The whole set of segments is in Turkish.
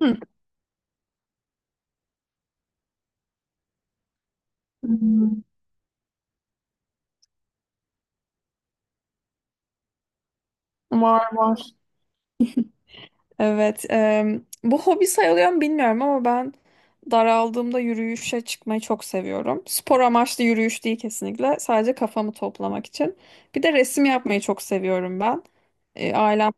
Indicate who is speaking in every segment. Speaker 1: Hı. Hmm, Var var. Evet. Bu hobi sayılıyor mu bilmiyorum ama ben daraldığımda yürüyüşe çıkmayı çok seviyorum. Spor amaçlı yürüyüş değil kesinlikle. Sadece kafamı toplamak için. Bir de resim yapmayı çok seviyorum ben. E, ailem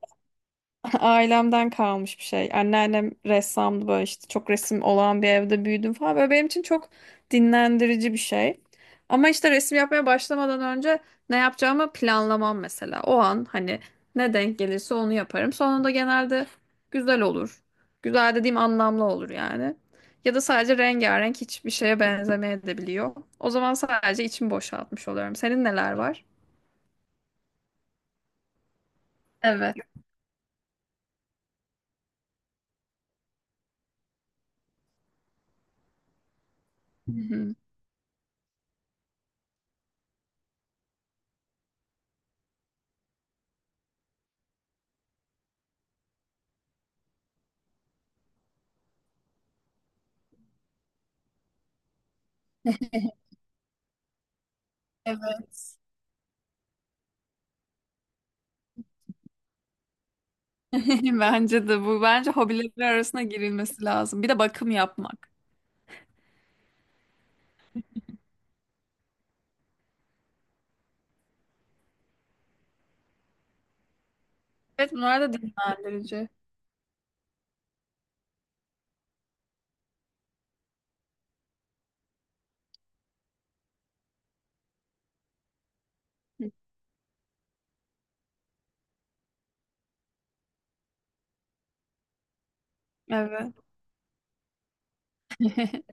Speaker 1: Ailemden kalmış bir şey. Anneannem ressamdı, böyle işte çok resim olan bir evde büyüdüm falan. Böyle benim için çok dinlendirici bir şey. Ama işte resim yapmaya başlamadan önce ne yapacağımı planlamam mesela. O an hani ne denk gelirse onu yaparım. Sonunda genelde güzel olur. Güzel dediğim anlamlı olur yani. Ya da sadece rengarenk, hiçbir şeye benzemeyebiliyor. O zaman sadece içimi boşaltmış oluyorum. Senin neler var? Evet. Hı hı. Evet. Bence de bu. Bence hobileri arasına girilmesi lazım. Bir de bakım yapmak. Evet, bunlar da dinlendirici. Hı. Evet.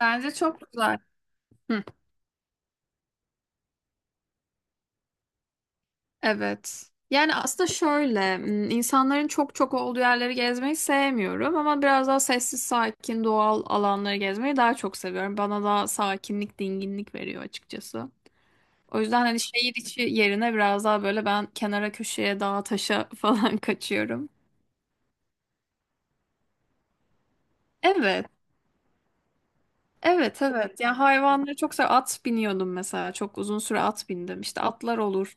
Speaker 1: Bence çok güzel. Hı. Evet. Yani aslında şöyle, insanların çok çok olduğu yerleri gezmeyi sevmiyorum ama biraz daha sessiz, sakin, doğal alanları gezmeyi daha çok seviyorum. Bana daha sakinlik, dinginlik veriyor açıkçası. O yüzden hani şehir içi yerine biraz daha böyle ben kenara köşeye, dağa, taşa falan kaçıyorum. Evet. Evet evet. Yani hayvanları çok at biniyordum mesela. Çok uzun süre at bindim. İşte atlar olur,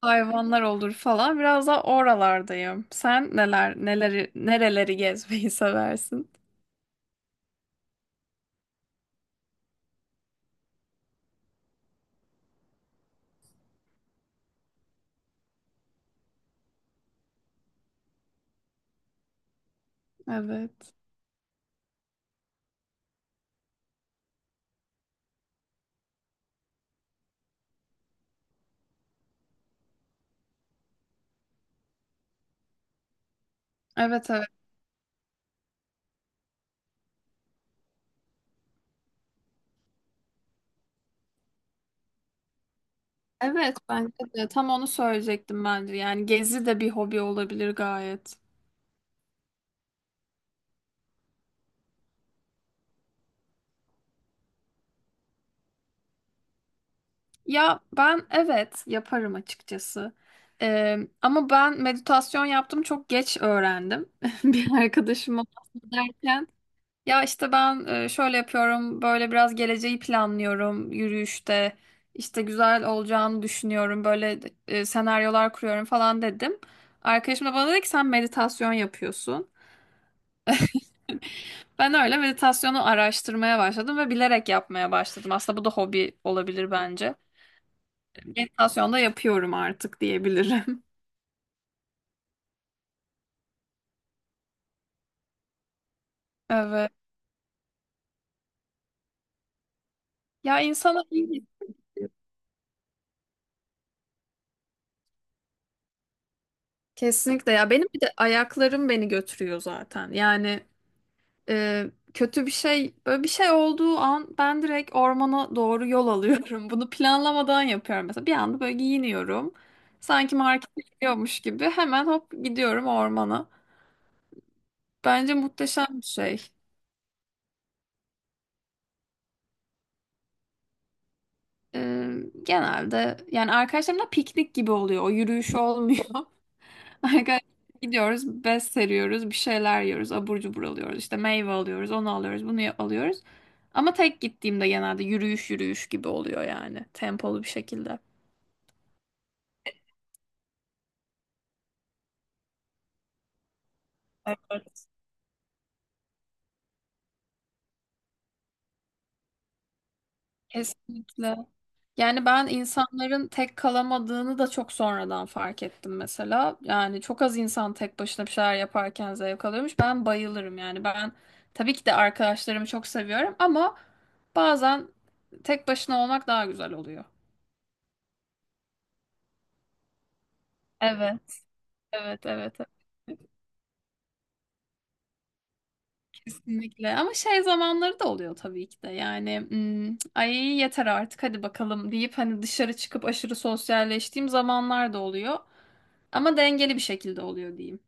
Speaker 1: hayvanlar olur falan. Biraz da oralardayım. Sen neler neleri nereleri gezmeyi seversin? Evet. Evet evet. Evet, bence de tam onu söyleyecektim bence. Yani gezi de bir hobi olabilir gayet. Ya ben evet yaparım açıkçası. Ama ben meditasyon yaptım, çok geç öğrendim. Bir arkadaşım ona derken, ya işte ben şöyle yapıyorum, böyle biraz geleceği planlıyorum yürüyüşte. İşte güzel olacağını düşünüyorum, böyle senaryolar kuruyorum falan dedim. Arkadaşım da bana dedi ki sen meditasyon yapıyorsun. Ben öyle meditasyonu araştırmaya başladım ve bilerek yapmaya başladım. Aslında bu da hobi olabilir bence. Meditasyon da yapıyorum artık diyebilirim. Evet. Ya insana iyi geliyor. Kesinlikle ya, benim bir de ayaklarım beni götürüyor zaten. Yani e, kötü bir şey, böyle bir şey olduğu an ben direkt ormana doğru yol alıyorum. Bunu planlamadan yapıyorum mesela. Bir anda böyle giyiniyorum. Sanki markete gidiyormuş gibi hemen hop gidiyorum ormana. Bence muhteşem bir şey. E, Genelde yani arkadaşlarımla piknik gibi oluyor. O yürüyüş olmuyor. Arkadaşlar gidiyoruz, bez seriyoruz, bir şeyler yiyoruz, abur cubur alıyoruz, işte meyve alıyoruz, onu alıyoruz, bunu alıyoruz. Ama tek gittiğimde genelde yürüyüş yürüyüş gibi oluyor, yani tempolu bir şekilde. Evet. Kesinlikle. Yani ben insanların tek kalamadığını da çok sonradan fark ettim mesela. Yani çok az insan tek başına bir şeyler yaparken zevk alıyormuş. Ben bayılırım yani. Ben tabii ki de arkadaşlarımı çok seviyorum ama bazen tek başına olmak daha güzel oluyor. Evet, evet, evet, evet. Kesinlikle. Ama şey zamanları da oluyor tabii ki de. Yani "Hmm, "ay yeter artık, hadi bakalım" deyip hani dışarı çıkıp aşırı sosyalleştiğim zamanlar da oluyor. Ama dengeli bir şekilde oluyor diyeyim.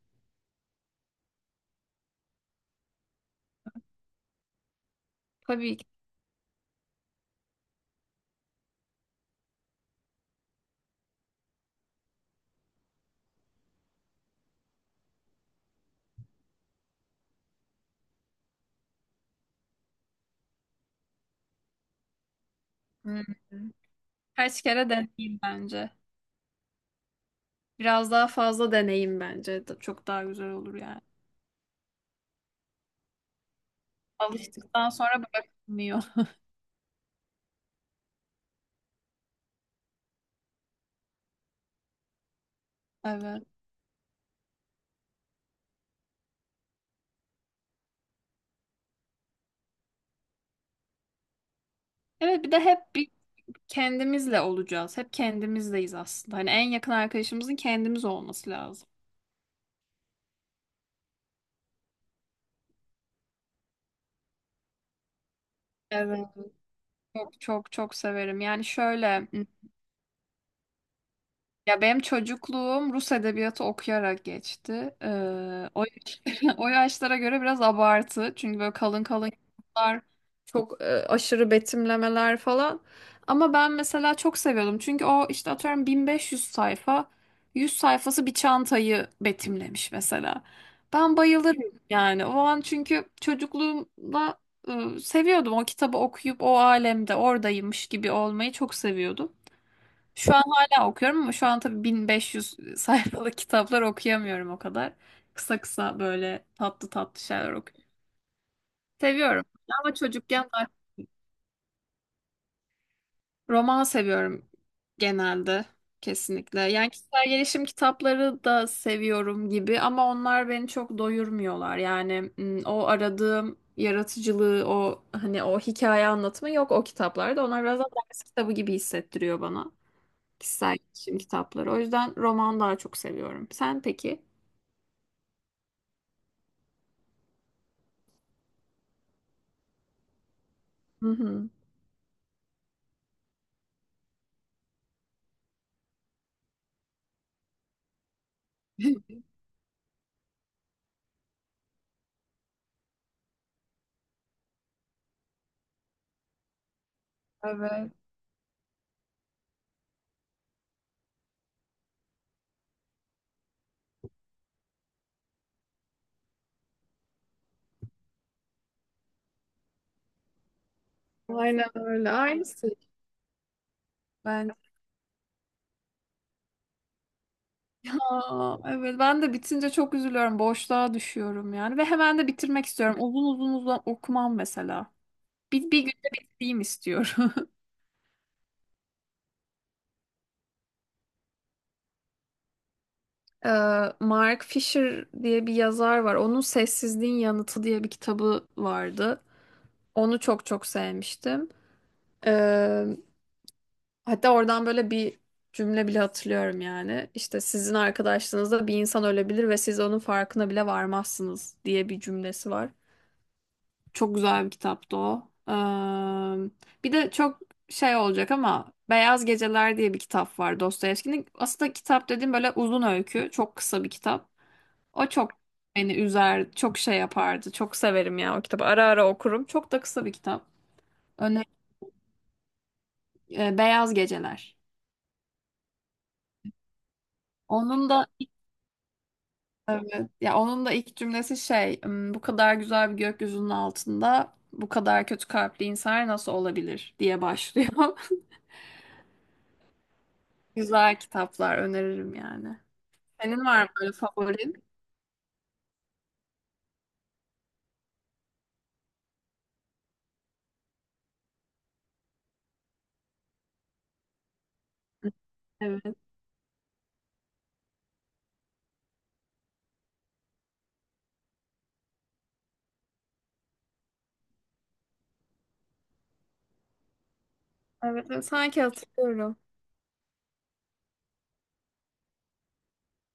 Speaker 1: Tabii ki. Hmm. Kaç kere deneyim bence. Biraz daha fazla deneyim bence. Çok daha güzel olur yani. Alıştıktan sonra bırakılmıyor. Evet. Evet, bir de hep bir kendimizle olacağız. Hep kendimizdeyiz aslında. Hani en yakın arkadaşımızın kendimiz olması lazım. Evet. Çok çok çok severim. Yani şöyle, ya benim çocukluğum Rus edebiyatı okuyarak geçti. O yaşlara göre biraz abartı. Çünkü böyle kalın kalın kitaplar, çok aşırı betimlemeler falan. Ama ben mesela çok seviyordum. Çünkü o işte atıyorum 1500 sayfa, 100 sayfası bir çantayı betimlemiş mesela. Ben bayılırım yani. O an çünkü çocukluğumda seviyordum. O kitabı okuyup o alemde oradaymış gibi olmayı çok seviyordum. Şu an hala okuyorum ama şu an tabii 1500 sayfalık kitaplar okuyamıyorum o kadar. Kısa kısa böyle tatlı tatlı şeyler okuyorum. Seviyorum ama çocukken daha roman seviyorum genelde, kesinlikle. Yani kişisel gelişim kitapları da seviyorum gibi ama onlar beni çok doyurmuyorlar. Yani o aradığım yaratıcılığı, o hani o hikaye anlatımı yok o kitaplarda. Onlar biraz daha ders kitabı gibi hissettiriyor bana. Kişisel gelişim kitapları. O yüzden roman daha çok seviyorum. Sen peki? Hı hı. Evet. Aynen öyle. Aynısı. Ben Aa, evet, ben de bitince çok üzülüyorum. Boşluğa düşüyorum yani. Ve hemen de bitirmek istiyorum. Uzun uzun uzun okumam mesela. Bir, bir günde bitireyim istiyorum. Ee, Mark Fisher diye bir yazar var. Onun Sessizliğin Yanıtı diye bir kitabı vardı. Onu çok çok sevmiştim. Hatta oradan böyle bir cümle bile hatırlıyorum yani. İşte "sizin arkadaşlığınızda bir insan ölebilir ve siz onun farkına bile varmazsınız" diye bir cümlesi var. Çok güzel bir kitaptı o. Bir de çok şey olacak ama Beyaz Geceler diye bir kitap var Dostoyevski'nin. Aslında kitap dediğim böyle uzun öykü, çok kısa bir kitap. O çok beni üzer, çok şey yapardı. Çok severim ya o kitabı. Ara ara okurum. Çok da kısa bir kitap. Öne, Beyaz Geceler. Onun da Evet. Ya onun da ilk cümlesi şey, "Hmm, "bu kadar güzel bir gökyüzünün altında bu kadar kötü kalpli insanlar nasıl olabilir" diye başlıyor. Güzel kitaplar öneririm yani. Senin var mı böyle favorin? Evet. Evet, evet, sanki hatırlıyorum.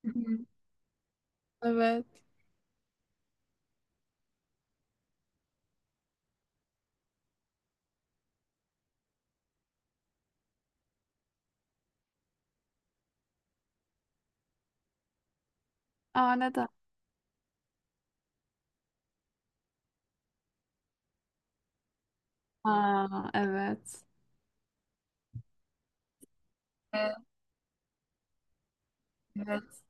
Speaker 1: Hı hı. Evet. Aa neden? Aa evet. Evet, evet.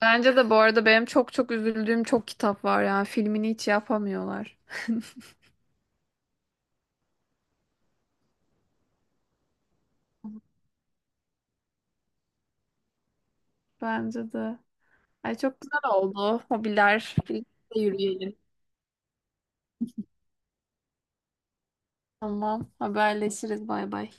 Speaker 1: Bence de bu arada benim çok çok üzüldüğüm çok kitap var yani, filmini hiç yapamıyorlar. Bence de. Ay çok güzel oldu. Hobiler birlikte yürüyelim. Tamam. Haberleşiriz. Bay bay.